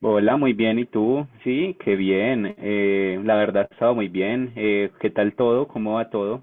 Hola, muy bien. ¿Y tú? Sí, qué bien. La verdad, ha estado muy bien. ¿Qué tal todo? ¿Cómo va todo?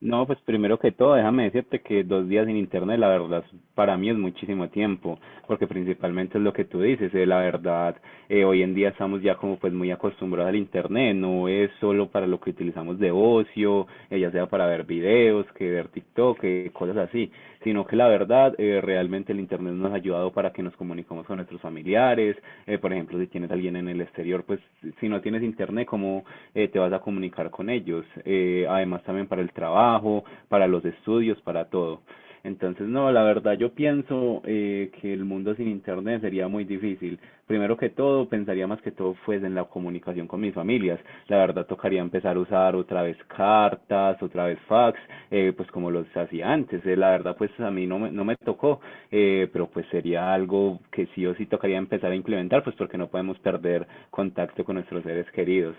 No, pues primero que todo, déjame decirte que dos días sin internet, la verdad, para mí es muchísimo tiempo, porque principalmente es lo que tú dices, la verdad, hoy en día estamos ya como pues muy acostumbrados al internet, no es solo para lo que utilizamos de ocio, ya sea para ver videos, que ver TikTok, que cosas así, sino que la verdad, realmente el Internet nos ha ayudado para que nos comuniquemos con nuestros familiares, por ejemplo, si tienes a alguien en el exterior, pues si no tienes Internet, ¿cómo te vas a comunicar con ellos? Además también para el trabajo, para los estudios, para todo. Entonces, no, la verdad yo pienso que el mundo sin internet sería muy difícil. Primero que todo, pensaría más que todo fuese en la comunicación con mis familias. La verdad tocaría empezar a usar otra vez cartas, otra vez fax, pues como los hacía antes. La verdad pues a mí no me tocó, pero pues sería algo que sí o sí tocaría empezar a implementar, pues porque no podemos perder contacto con nuestros seres queridos.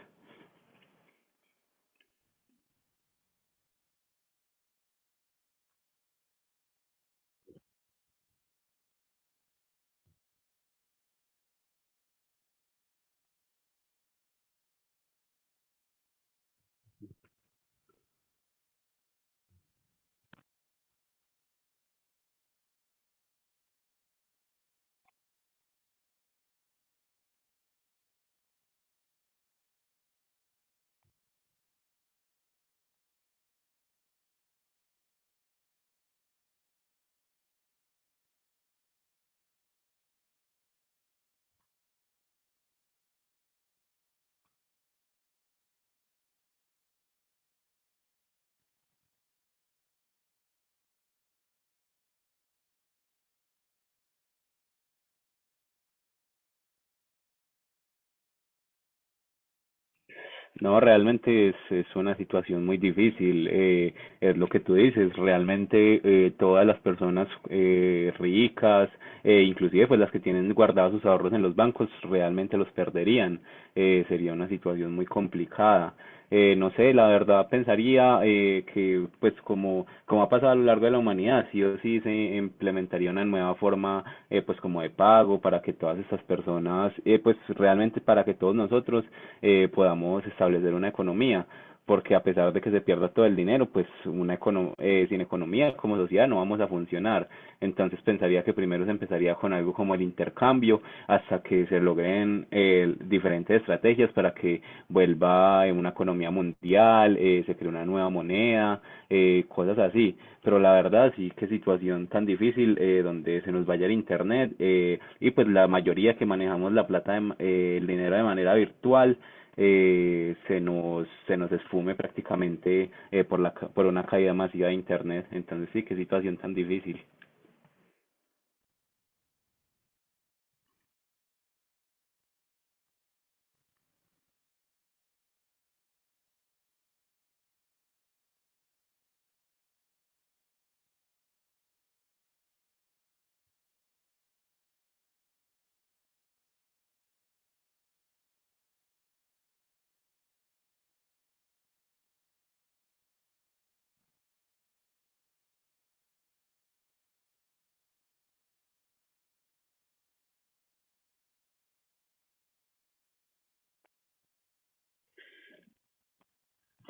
No, realmente es una situación muy difícil. Es lo que tú dices. Realmente, todas las personas ricas, inclusive pues las que tienen guardados sus ahorros en los bancos, realmente los perderían, sería una situación muy complicada. No sé, la verdad pensaría que, pues como, como ha pasado a lo largo de la humanidad, sí o sí se implementaría una nueva forma, pues como de pago para que todas estas personas, pues realmente para que todos nosotros podamos establecer una economía, porque a pesar de que se pierda todo el dinero, pues sin economía como sociedad no vamos a funcionar. Entonces pensaría que primero se empezaría con algo como el intercambio hasta que se logren diferentes estrategias para que vuelva una economía mundial, se cree una nueva moneda, cosas así. Pero la verdad sí que situación tan difícil, donde se nos vaya el internet, y pues la mayoría que manejamos la plata, el dinero de manera virtual se nos esfume prácticamente, por por una caída masiva de Internet. Entonces, sí, qué situación tan difícil.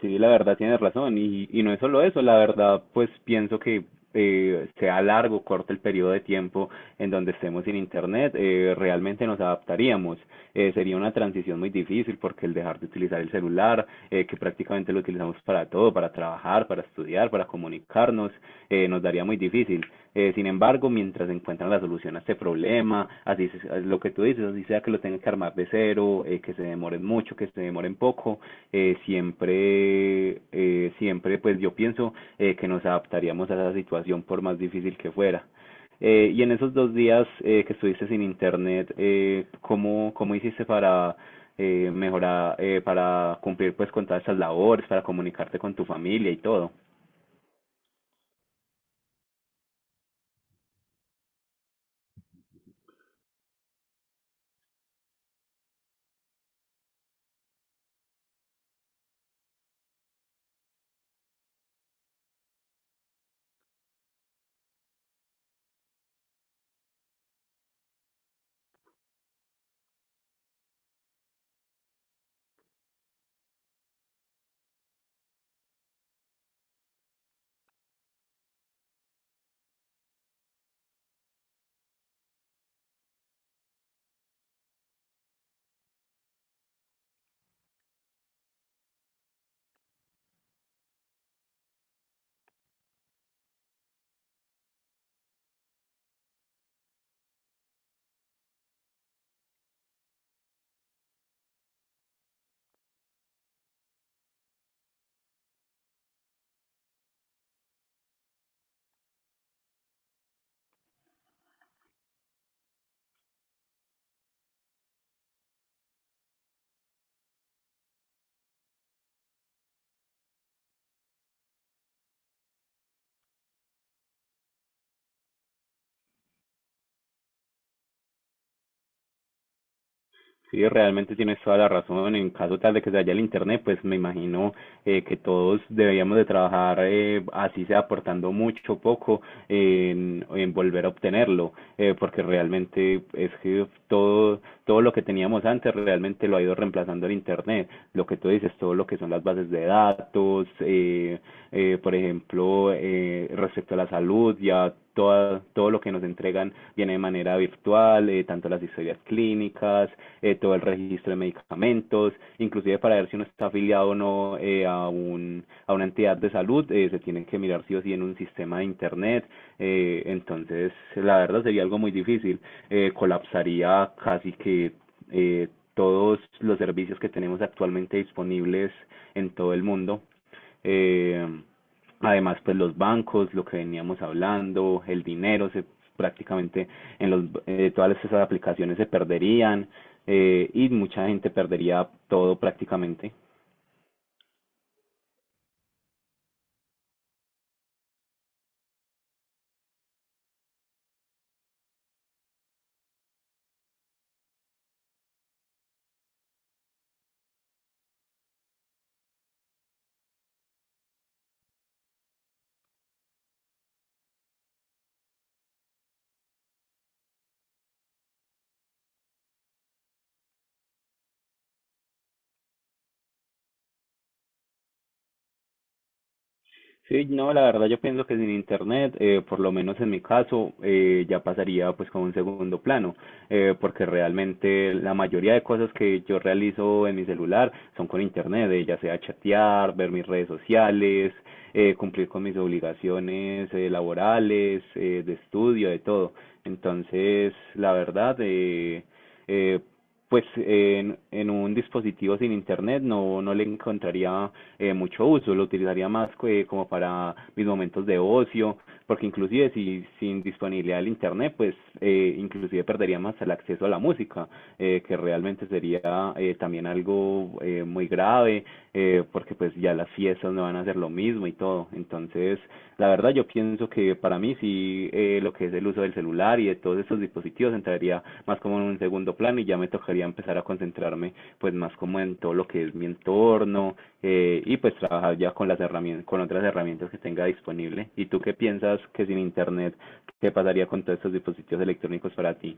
Sí, la verdad tienes razón. Y no es solo eso, la verdad, pues pienso que sea largo o corto el periodo de tiempo en donde estemos sin Internet, realmente nos adaptaríamos. Sería una transición muy difícil porque el dejar de utilizar el celular, que prácticamente lo utilizamos para todo, para trabajar, para estudiar, para comunicarnos, nos daría muy difícil. Sin embargo, mientras encuentran la solución a este problema, así lo que tú dices, así sea que lo tengan que armar de cero, que se demoren mucho, que se demoren poco, siempre, pues yo pienso que nos adaptaríamos a esa situación por más difícil que fuera. Y en esos dos días que estuviste sin internet, ¿ cómo hiciste para mejorar, para cumplir pues con todas esas labores, para comunicarte con tu familia y todo? Sí, realmente tienes toda la razón. En caso tal de que se vaya el internet, pues me imagino que todos deberíamos de trabajar así sea aportando mucho o poco en volver a obtenerlo, porque realmente es que todo lo que teníamos antes realmente lo ha ido reemplazando el internet. Lo que tú dices, todo lo que son las bases de datos, por ejemplo, respecto a la salud, ya todo lo que nos entregan viene de manera virtual, tanto las historias clínicas, todo el registro de medicamentos, inclusive para ver si uno está afiliado o no, a una entidad de salud, se tienen que mirar sí o sí en un sistema de Internet. Entonces la verdad sería algo muy difícil, colapsaría casi que eh, todos los servicios que tenemos actualmente disponibles en todo el mundo. Eh, Además, pues los bancos, lo que veníamos hablando, el dinero, prácticamente en los, todas esas aplicaciones se perderían, y mucha gente perdería todo prácticamente. Sí, no, la verdad yo pienso que sin internet, por lo menos en mi caso, ya pasaría pues como un segundo plano, porque realmente la mayoría de cosas que yo realizo en mi celular son con internet, ya sea chatear, ver mis redes sociales, cumplir con mis obligaciones, laborales, de estudio, de todo. Entonces, la verdad, eh, en un dispositivo sin internet no le encontraría mucho uso, lo utilizaría más como para mis momentos de ocio, porque inclusive si sin disponibilidad del internet, pues inclusive perdería más el acceso a la música, que realmente sería también algo muy grave, porque pues ya las fiestas me van a hacer lo mismo y todo. Entonces, la verdad yo pienso que para mí sí, lo que es el uso del celular y de todos estos dispositivos entraría más como en un segundo plano y ya me tocaría empezar a concentrarme pues más como en todo lo que es mi entorno, y pues trabajar ya con las herramientas, con otras herramientas que tenga disponible. ¿Y tú qué piensas que sin internet qué pasaría con todos estos dispositivos electrónicos para ti?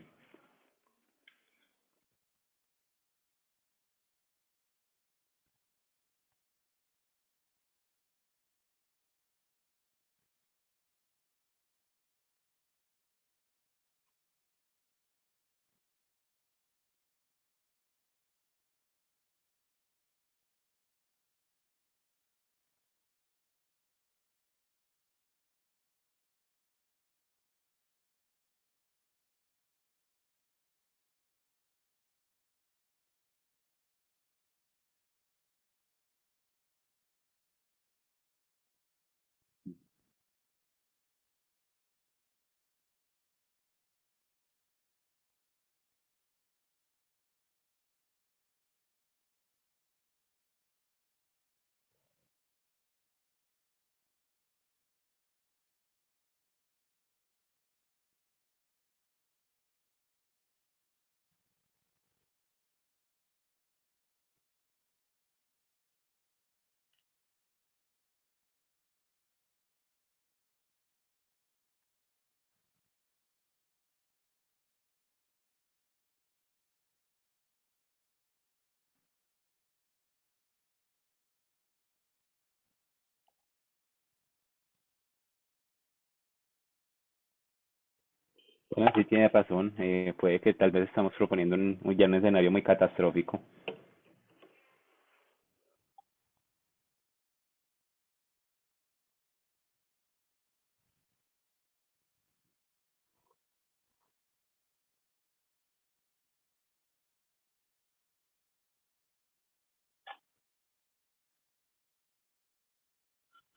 Bueno, sí tienes razón, puede que tal vez estamos proponiendo un, ya un escenario muy catastrófico.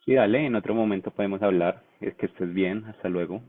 Sí, dale, en otro momento podemos hablar. Es que estés bien, hasta luego.